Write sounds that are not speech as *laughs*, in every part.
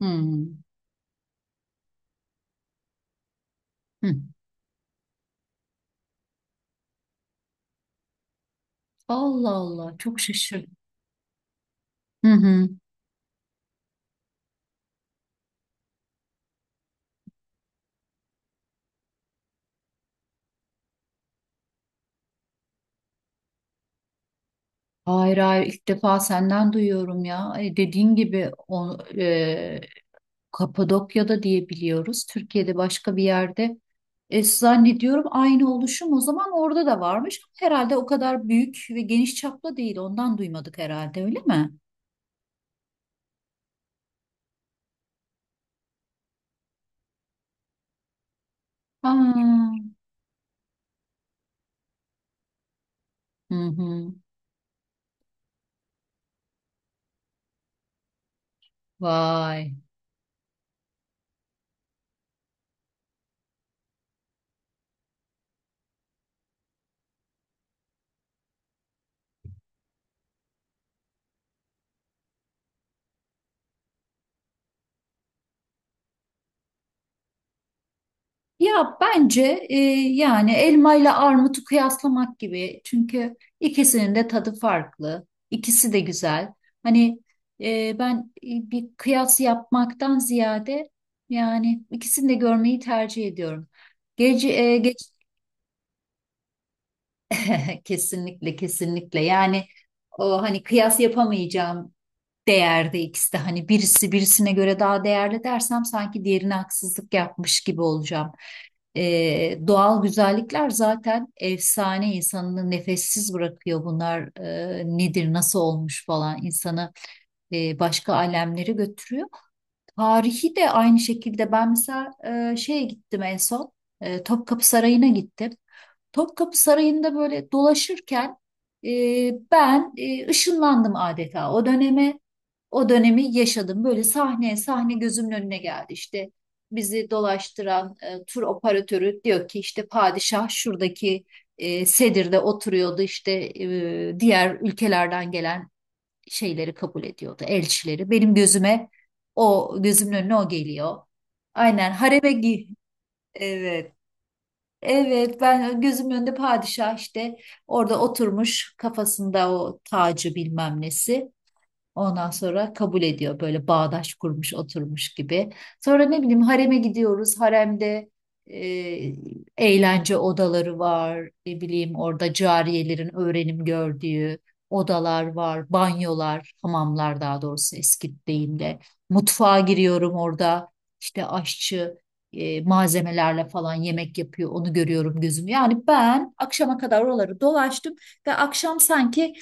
Hmm. Hı. Allah Allah, çok şaşırdım. Hı hı. Hayır hayır, ilk defa senden duyuyorum ya. Dediğin gibi o, Kapadokya'da diye biliyoruz. Türkiye'de başka bir yerde. Zannediyorum aynı oluşum o zaman orada da varmış. Herhalde o kadar büyük ve geniş çaplı değil. Ondan duymadık herhalde, öyle mi? Aa. Hı hı. Vay. Ya bence e, yani elma ile armutu kıyaslamak gibi. Çünkü ikisinin de tadı farklı. İkisi de güzel. Hani ben bir kıyas yapmaktan ziyade yani ikisini de görmeyi tercih ediyorum. Gece geç... *laughs* Kesinlikle, kesinlikle, yani o hani kıyas yapamayacağım değerde ikisi de, hani birisi birisine göre daha değerli dersem sanki diğerine haksızlık yapmış gibi olacağım. Doğal güzellikler zaten efsane, insanı nefessiz bırakıyor bunlar, nedir nasıl olmuş falan, insanı başka alemlere götürüyor. Tarihi de aynı şekilde. Ben mesela şeye gittim en son, Topkapı Sarayı'na gittim. Topkapı Sarayı'nda böyle dolaşırken e, ben ışınlandım adeta o döneme. O dönemi yaşadım. Böyle sahne sahne gözümün önüne geldi. İşte bizi dolaştıran tur operatörü diyor ki, işte padişah şuradaki sedirde oturuyordu. İşte diğer ülkelerden gelen şeyleri kabul ediyordu, elçileri. Benim gözüme, o, gözümün önüne o geliyor. Aynen. Evet. Evet, ben gözümün önünde padişah işte orada oturmuş, kafasında o tacı bilmem nesi. Ondan sonra kabul ediyor, böyle bağdaş kurmuş oturmuş gibi. Sonra ne bileyim, hareme gidiyoruz. Haremde e, eğlence odaları var. Ne bileyim, orada cariyelerin öğrenim gördüğü odalar var. Banyolar, hamamlar, daha doğrusu eski deyimle. Mutfağa giriyorum orada. İşte aşçı malzemelerle falan yemek yapıyor. Onu görüyorum gözüm. Yani ben akşama kadar oraları dolaştım ve akşam sanki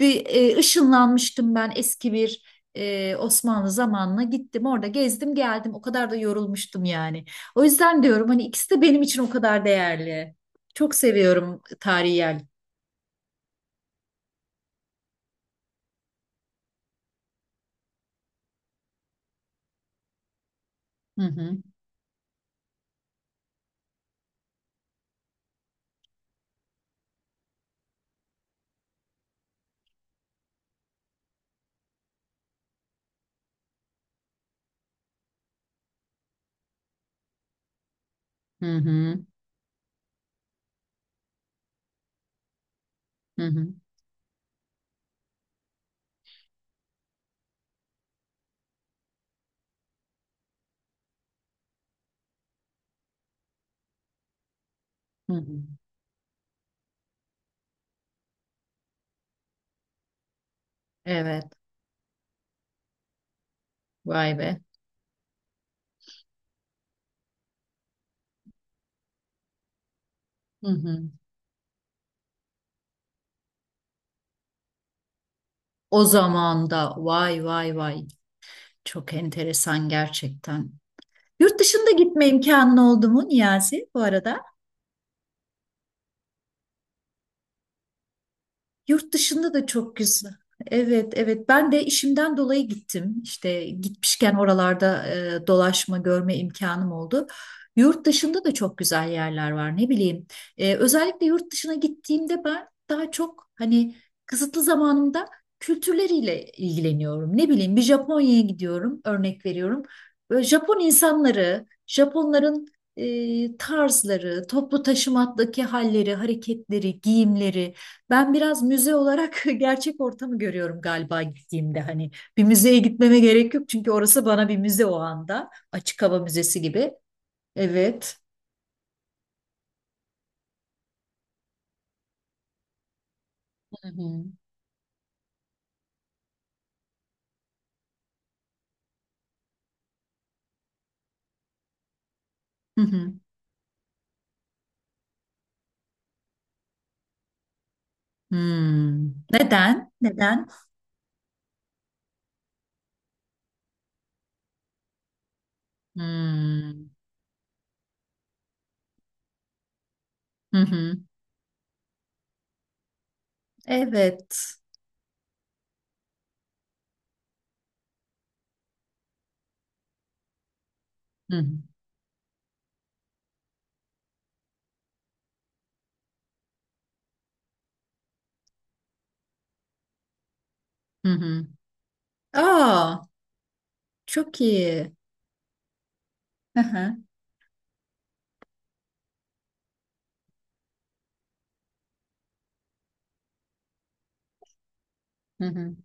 bir ışınlanmıştım, ben eski bir Osmanlı zamanına gittim, orada gezdim geldim, o kadar da yorulmuştum yani. O yüzden diyorum hani ikisi de benim için o kadar değerli. Çok seviyorum tarihi yer. Hı hı. Hı hı. Hı hı. Hı hı. Evet. Vay be. Hı hı. O zaman da vay vay vay, çok enteresan gerçekten. Yurt dışında gitme imkanın oldu mu Niyazi, bu arada? Yurt dışında da çok güzel. Evet, evet. Ben de işimden dolayı gittim. İşte gitmişken oralarda dolaşma, görme imkanım oldu. Yurt dışında da çok güzel yerler var. Ne bileyim. Özellikle yurt dışına gittiğimde ben daha çok, hani kısıtlı zamanımda, kültürleriyle ilgileniyorum. Ne bileyim, bir Japonya'ya gidiyorum, örnek veriyorum. Böyle Japon insanları, Japonların tarzları, toplu taşımadaki halleri, hareketleri, giyimleri. Ben biraz müze olarak *laughs* gerçek ortamı görüyorum galiba gittiğimde. Hani bir müzeye gitmeme gerek yok, çünkü orası bana bir müze o anda. Açık hava müzesi gibi. Evet. Hı hı. Hı hı. Hmm. Neden? Neden? Hmm. Hı hı. Evet. Hı hı. Hı hı. Aa, çok iyi. Hı hı. Hı hı.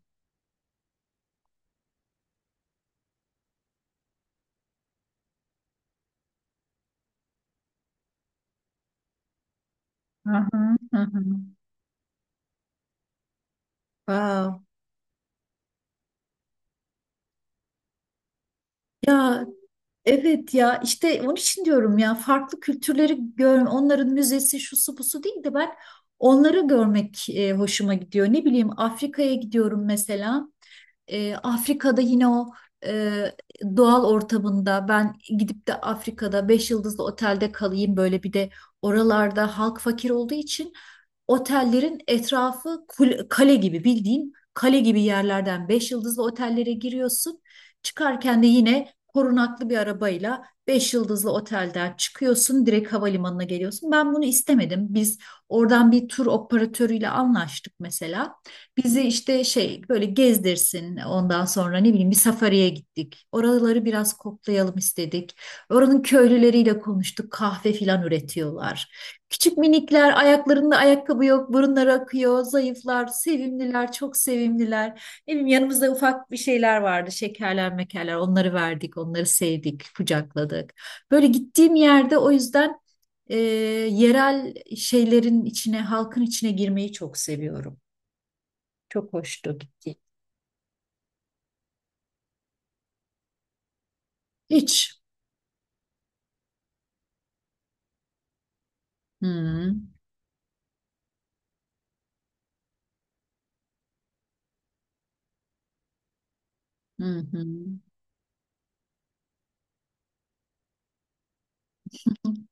Hı hı. Hı hı. Wow. Ya, evet ya, işte onun için diyorum ya, farklı kültürleri gör, onların müzesi şusu busu değil de, ben onları görmek hoşuma gidiyor. Ne bileyim Afrika'ya gidiyorum mesela. Afrika'da yine o e, doğal ortamında, ben gidip de Afrika'da 5 yıldızlı otelde kalayım böyle. Bir de oralarda halk fakir olduğu için otellerin etrafı kale gibi, bildiğin kale gibi yerlerden 5 yıldızlı otellere giriyorsun. Çıkarken de yine korunaklı bir arabayla 5 yıldızlı otelden çıkıyorsun, direkt havalimanına geliyorsun. Ben bunu istemedim. Biz oradan bir tur operatörüyle anlaştık mesela. Bizi işte şey böyle gezdirsin, ondan sonra ne bileyim bir safariye gittik. Oraları biraz koklayalım istedik. Oranın köylüleriyle konuştuk. Kahve filan üretiyorlar. Küçük minikler, ayaklarında ayakkabı yok, burunları akıyor, zayıflar, sevimliler, çok sevimliler. Ne bileyim, yanımızda ufak bir şeyler vardı. Şekerler, mekerler, onları verdik, onları sevdik, kucakladık. Böyle gittiğim yerde o yüzden e, yerel şeylerin içine, halkın içine girmeyi çok seviyorum. Çok hoştu, gitti. Hiç. Hı hı. Hı.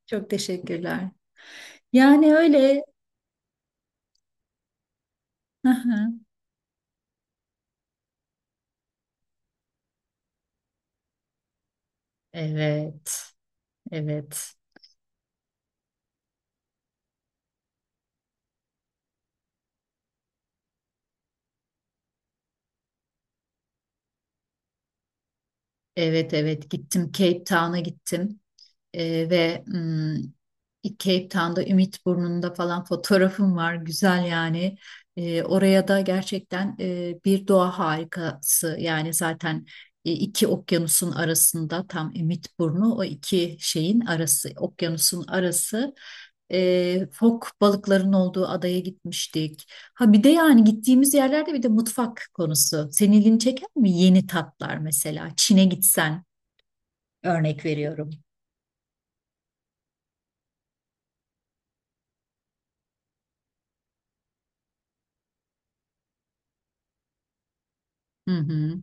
Çok teşekkürler. Yani öyle. Hı hı. Evet. Evet. Evet evet, gittim, Cape Town'a gittim. Ve Cape Town'da Ümit Burnu'nda falan fotoğrafım var. Güzel yani. Oraya da gerçekten bir doğa harikası. Yani zaten iki okyanusun arasında tam Ümit Burnu, o iki şeyin arası, okyanusun arası. Fok balıkların olduğu adaya gitmiştik. Ha bir de, yani gittiğimiz yerlerde bir de mutfak konusu. Senin ilgini çeker mi? Yeni tatlar mesela. Çin'e gitsen, örnek veriyorum. Hı hı.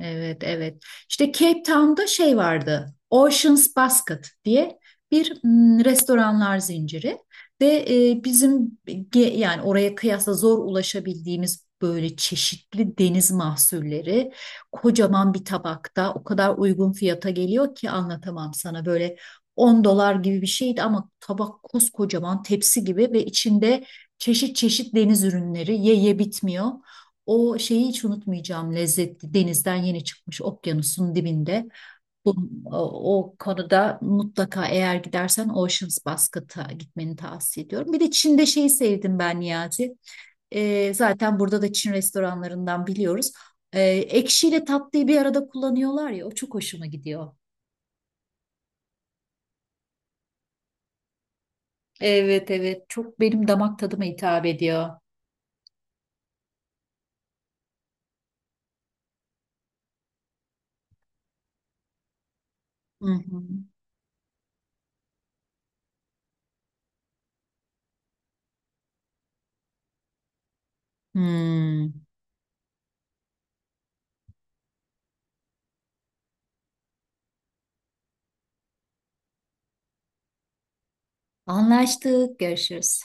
Evet, evet. İşte Cape Town'da şey vardı, Ocean's Basket diye bir restoranlar zinciri. Ve bizim yani oraya kıyasla zor ulaşabildiğimiz böyle çeşitli deniz mahsulleri kocaman bir tabakta o kadar uygun fiyata geliyor ki, anlatamam sana. Böyle 10 dolar gibi bir şeydi, ama tabak koskocaman, tepsi gibi, ve içinde çeşit çeşit deniz ürünleri, ye ye bitmiyor. O şeyi hiç unutmayacağım, lezzetli, denizden yeni çıkmış, okyanusun dibinde. Bu, o konuda mutlaka eğer gidersen Ocean's Basket'a gitmeni tavsiye ediyorum. Bir de Çin'de şeyi sevdim ben Niyazi. Zaten burada da Çin restoranlarından biliyoruz. Ekşiyle tatlıyı bir arada kullanıyorlar ya, o çok hoşuma gidiyor. Evet evet, çok benim damak tadıma hitap ediyor. Hı hı. Hmm. Anlaştık. Görüşürüz.